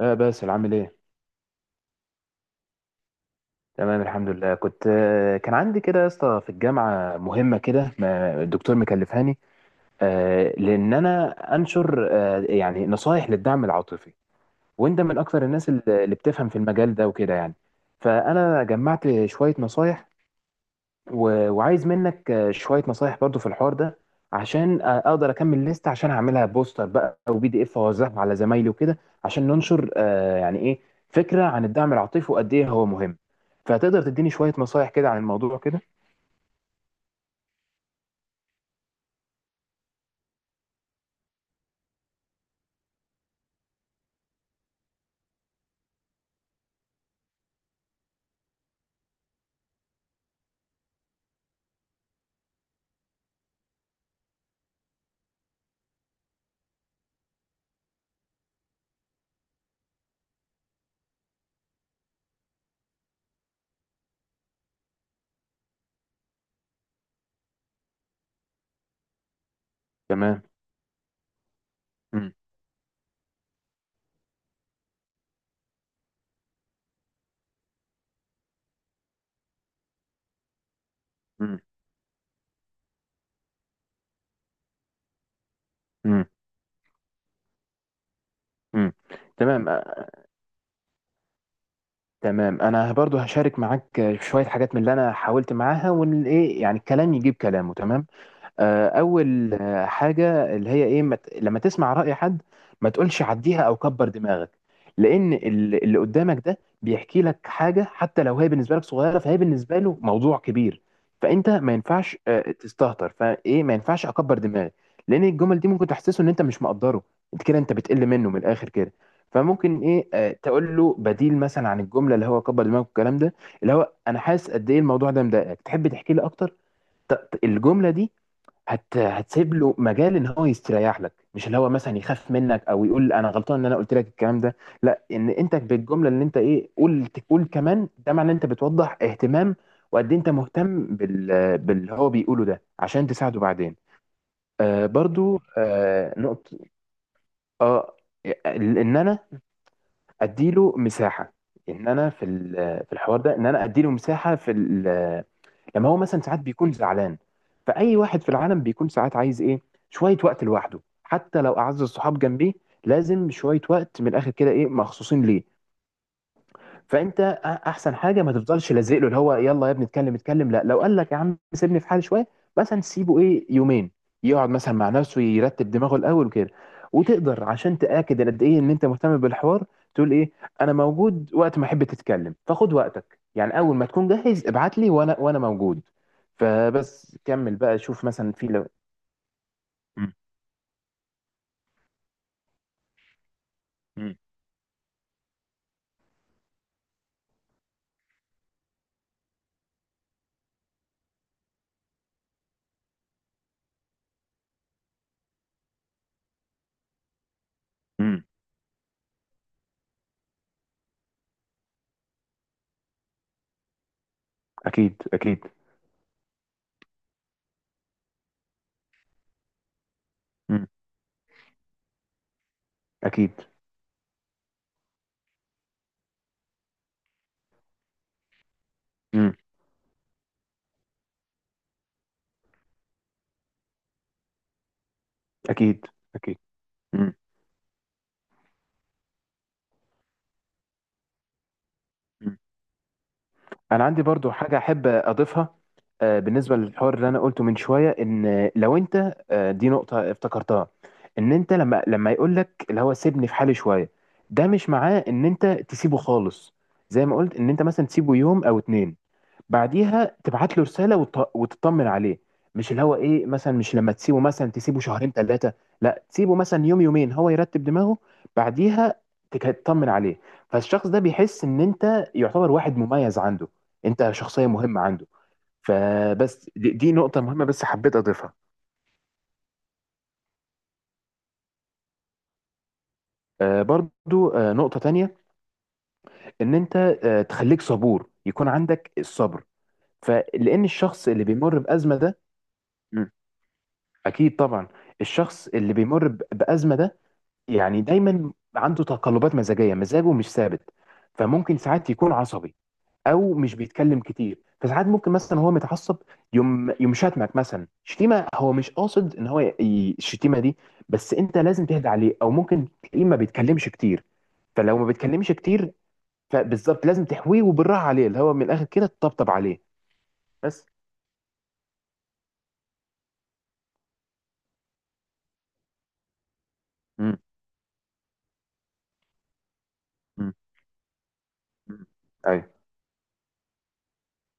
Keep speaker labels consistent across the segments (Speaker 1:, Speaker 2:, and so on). Speaker 1: اه، باسل عامل ايه؟ تمام الحمد لله. كنت آه، كان عندي كده يا اسطى في الجامعه مهمه كده ما الدكتور مكلفهاني. لان انا انشر، يعني نصايح للدعم العاطفي. وانت من اكثر الناس اللي بتفهم في المجال ده وكده يعني. فانا جمعت شويه نصايح، و... وعايز منك شوية نصايح برضو في الحوار ده، عشان اقدر اكمل ليست عشان اعملها بوستر بقى او PDF اوزعها على زمايلي وكده، عشان ننشر يعني ايه فكرة عن الدعم العاطفي وقد ايه هو مهم. فهتقدر تديني شوية نصايح كده عن الموضوع كده. تمام. مم. مم. مم. مم. تمام. تمام، انا برضو هشارك معاك شوية حاجات من اللي انا حاولت معاها، وان ايه يعني الكلام يجيب كلامه. تمام. اول حاجه اللي هي ايه، لما تسمع راي حد ما تقولش عديها او كبر دماغك، لان اللي قدامك ده بيحكي لك حاجه، حتى لو هي بالنسبه لك صغيره فهي بالنسبه له موضوع كبير. فانت ما ينفعش تستهتر، فايه ما ينفعش اكبر دماغي، لان الجمل دي ممكن تحسسه ان انت مش مقدره، انت كده انت بتقل منه من الاخر كده. فممكن ايه تقول له بديل مثلا عن الجمله اللي هو كبر دماغك والكلام ده، اللي هو انا حاسس قد ايه الموضوع ده مضايقك، تحب تحكي لي اكتر. الجمله دي هتسيب له مجال ان هو يستريح لك، مش اللي هو مثلا يخاف منك او يقول انا غلطان ان انا قلت لك الكلام ده. لا، ان انت بالجمله اللي انت ايه قلت قول كمان ده معناه ان انت بتوضح اهتمام، وقد إيه انت مهتم باللي هو بيقوله ده عشان تساعده بعدين. برضو نقطه. اه ان انا اديله مساحه، ان انا في الحوار ده ان انا اديله مساحه لما هو مثلا ساعات بيكون زعلان، فأي واحد في العالم بيكون ساعات عايز إيه، شوية وقت لوحده حتى لو أعز الصحاب جنبيه. لازم شوية وقت من الآخر كده، إيه، مخصوصين ليه. فانت احسن حاجه ما تفضلش لازق له اللي هو يلا يا ابني اتكلم اتكلم. لا، لو قال لك يا عم سيبني في حالي شويه مثلا سيبه ايه يومين، يقعد مثلا مع نفسه يرتب دماغه الاول وكده. وتقدر، عشان تاكد قد ايه ان انت مهتم بالحوار، تقول ايه، انا موجود وقت ما احب تتكلم، فخد وقتك يعني، اول ما تكون جاهز ابعت لي وانا موجود. فبس كمل بقى شوف مثلا في لو. مم. مم. مم. اكيد، اكيد. مم. اكيد. مم. اكيد، اكيد. مم. مم. انا عندي برضو حاجه احب اضيفها. بالنسبه للحوار اللي انا قلته من شويه، ان لو انت دي نقطه افتكرتها، ان انت لما يقول لك اللي هو سيبني في حالي شويه، ده مش معناه ان انت تسيبه خالص. زي ما قلت، ان انت مثلا تسيبه يوم او اتنين، بعديها تبعت له رساله وتطمن عليه. مش اللي هو ايه مثلا مش لما تسيبه، مثلا تسيبه شهرين ثلاثه، لا، تسيبه مثلا يوم يومين هو يرتب دماغه، بعديها تطمن عليه. فالشخص ده بيحس ان انت يعتبر واحد مميز عنده، انت شخصيه مهمه عنده. فبس دي نقطه مهمه بس حبيت اضيفها. برضو نقطه تانية، ان انت تخليك صبور، يكون عندك الصبر، فلان الشخص اللي بيمر بازمه ده. مم. اكيد طبعا. الشخص اللي بيمر بازمه ده يعني دايما عنده تقلبات مزاجيه، مزاجه مش ثابت. فممكن ساعات يكون عصبي او مش بيتكلم كتير. فساعات ممكن مثلا هو متعصب، يوم يوم شتمك مثلا شتيمه، هو مش قاصد ان هو الشتيمه دي، بس انت لازم تهدى عليه. او ممكن تلاقيه ما بيتكلمش كتير. فلو ما بيتكلمش كتير، فبالظبط لازم تحويه وبالراحه عليه، اللي هو من الاخر كده تطبطب عليه بس. امم. امم. ايوه.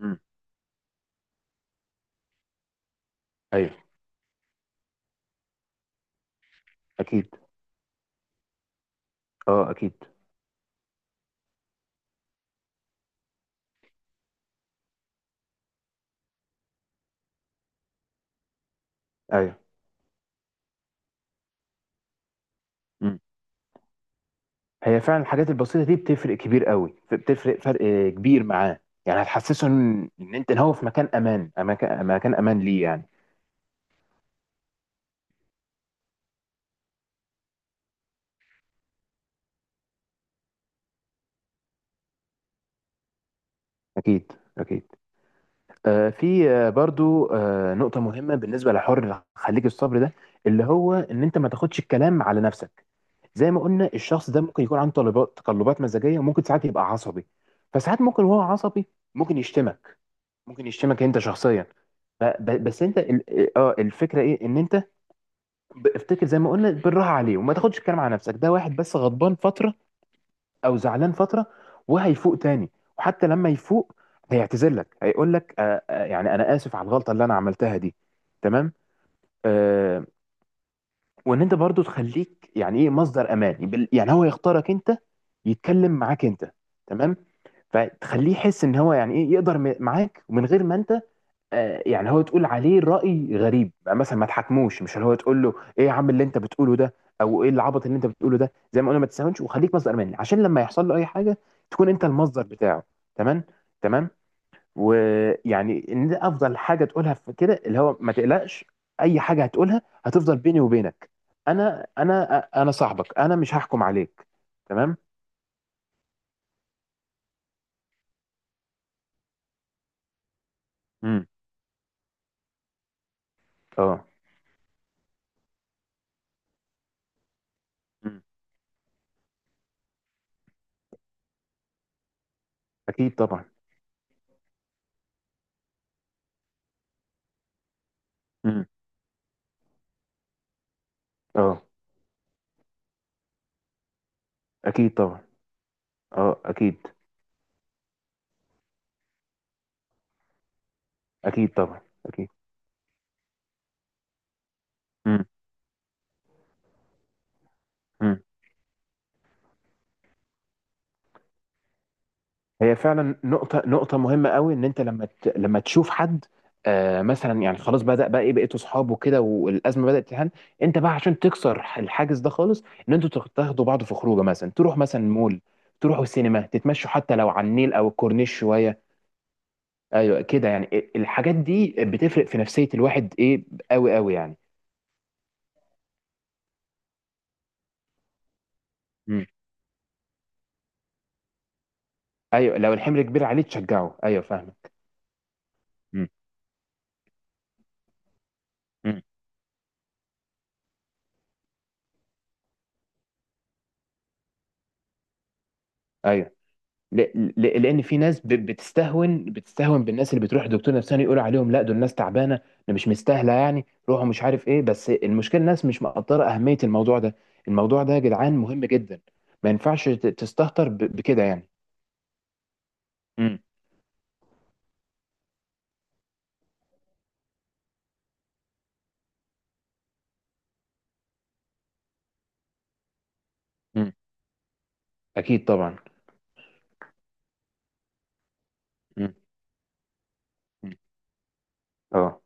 Speaker 1: امم. ايوه. اكيد. اه، اكيد. ايوه. امم. هي فعلا الحاجات البسيطة دي بتفرق كبير قوي، بتفرق فرق كبير معاه. يعني هتحسسه ان انت هو في مكان امان، مكان امان ليه يعني. اكيد، اكيد. في برضو نقطة مهمة بالنسبة لحر خليك الصبر ده، اللي هو ان انت ما تاخدش الكلام على نفسك. زي ما قلنا، الشخص ده ممكن يكون عنده تقلبات مزاجية، وممكن ساعات يبقى عصبي. فساعات ممكن وهو عصبي ممكن يشتمك، ممكن يشتمك انت شخصيا. بس انت الفكرة ايه، ان انت افتكر زي ما قلنا بالراحه عليه، وما تاخدش الكلام على نفسك. ده واحد بس غضبان فتره او زعلان فتره وهيفوق تاني. وحتى لما يفوق هيعتذر لك، هيقول لك يعني انا اسف على الغلطه اللي انا عملتها دي. تمام. آه وان انت برضو تخليك يعني ايه مصدر امان يعني هو يختارك انت، يتكلم معاك انت. تمام. فتخليه يحس ان هو يعني ايه يقدر معاك، ومن غير ما انت يعني هو تقول عليه رأي غريب بقى مثلا ما تحكموش، مش اللي هو تقول له ايه يا عم اللي انت بتقوله ده او ايه العبط اللي انت بتقوله ده. زي ما قلنا، ما تستهونش، وخليك مصدر مني عشان لما يحصل له اي حاجه تكون انت المصدر بتاعه. تمام. تمام. ويعني ان ده افضل حاجه تقولها في كده، اللي هو ما تقلقش، اي حاجه هتقولها هتفضل بيني وبينك، انا صاحبك، انا مش هحكم عليك. تمام. امم. اه. مم. اكيد طبعا. امم. اه. اكيد طبعا. اه. اكيد. اكيد طبعا. أكيد. مم. مم. هي فعلا نقطة نقطة مهمة قوي، ان انت لما لما تشوف حد مثلا يعني خلاص بدأ بقى ايه بقيتوا اصحاب وكده، والازمة بدأت تهان، انت بقى عشان تكسر الحاجز ده خالص ان انتوا تاخدوا بعض في خروجه، مثلا تروح مثلا مول، تروحوا السينما، تتمشوا حتى لو على النيل او الكورنيش شوية. ايوه كده، يعني إيه، الحاجات دي بتفرق في نفسية الواحد ايه، قوي قوي يعني. مم. ايوه، لو الحمل كبير عليه تشجعه، ايوه فاهمك. مم. مم. ايوه. ل... لان في ناس ب... بتستهون بتستهون بالناس اللي بتروح لدكتور نفساني، يقولوا عليهم لا دول ناس تعبانه، ده مش مستاهله يعني روحوا مش عارف ايه، بس المشكله الناس مش مقدره اهميه الموضوع ده. الموضوع ده يا جدعان مهم جدا. ما ينفعش تستهتر بكده يعني. امم. امم. اكيد طبعا. امم. اه.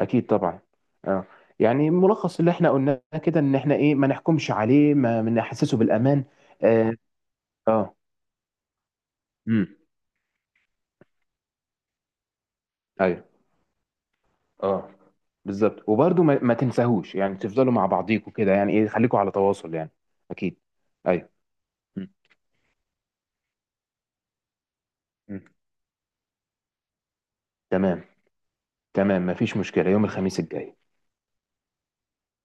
Speaker 1: اكيد طبعا. اه، يعني ملخص اللي احنا قلناه كده ان احنا ايه ما نحكمش عليه، ما نحسسه بالامان. اه. اه. امم. ايوه. اه، بالظبط، وبرضه ما تنساهوش، يعني تفضلوا مع بعضيكوا كده يعني ايه، خليكوا على تواصل يعني. اكيد. ايوه. م. م. تمام. تمام، مفيش مشكلة يوم الخميس الجاي.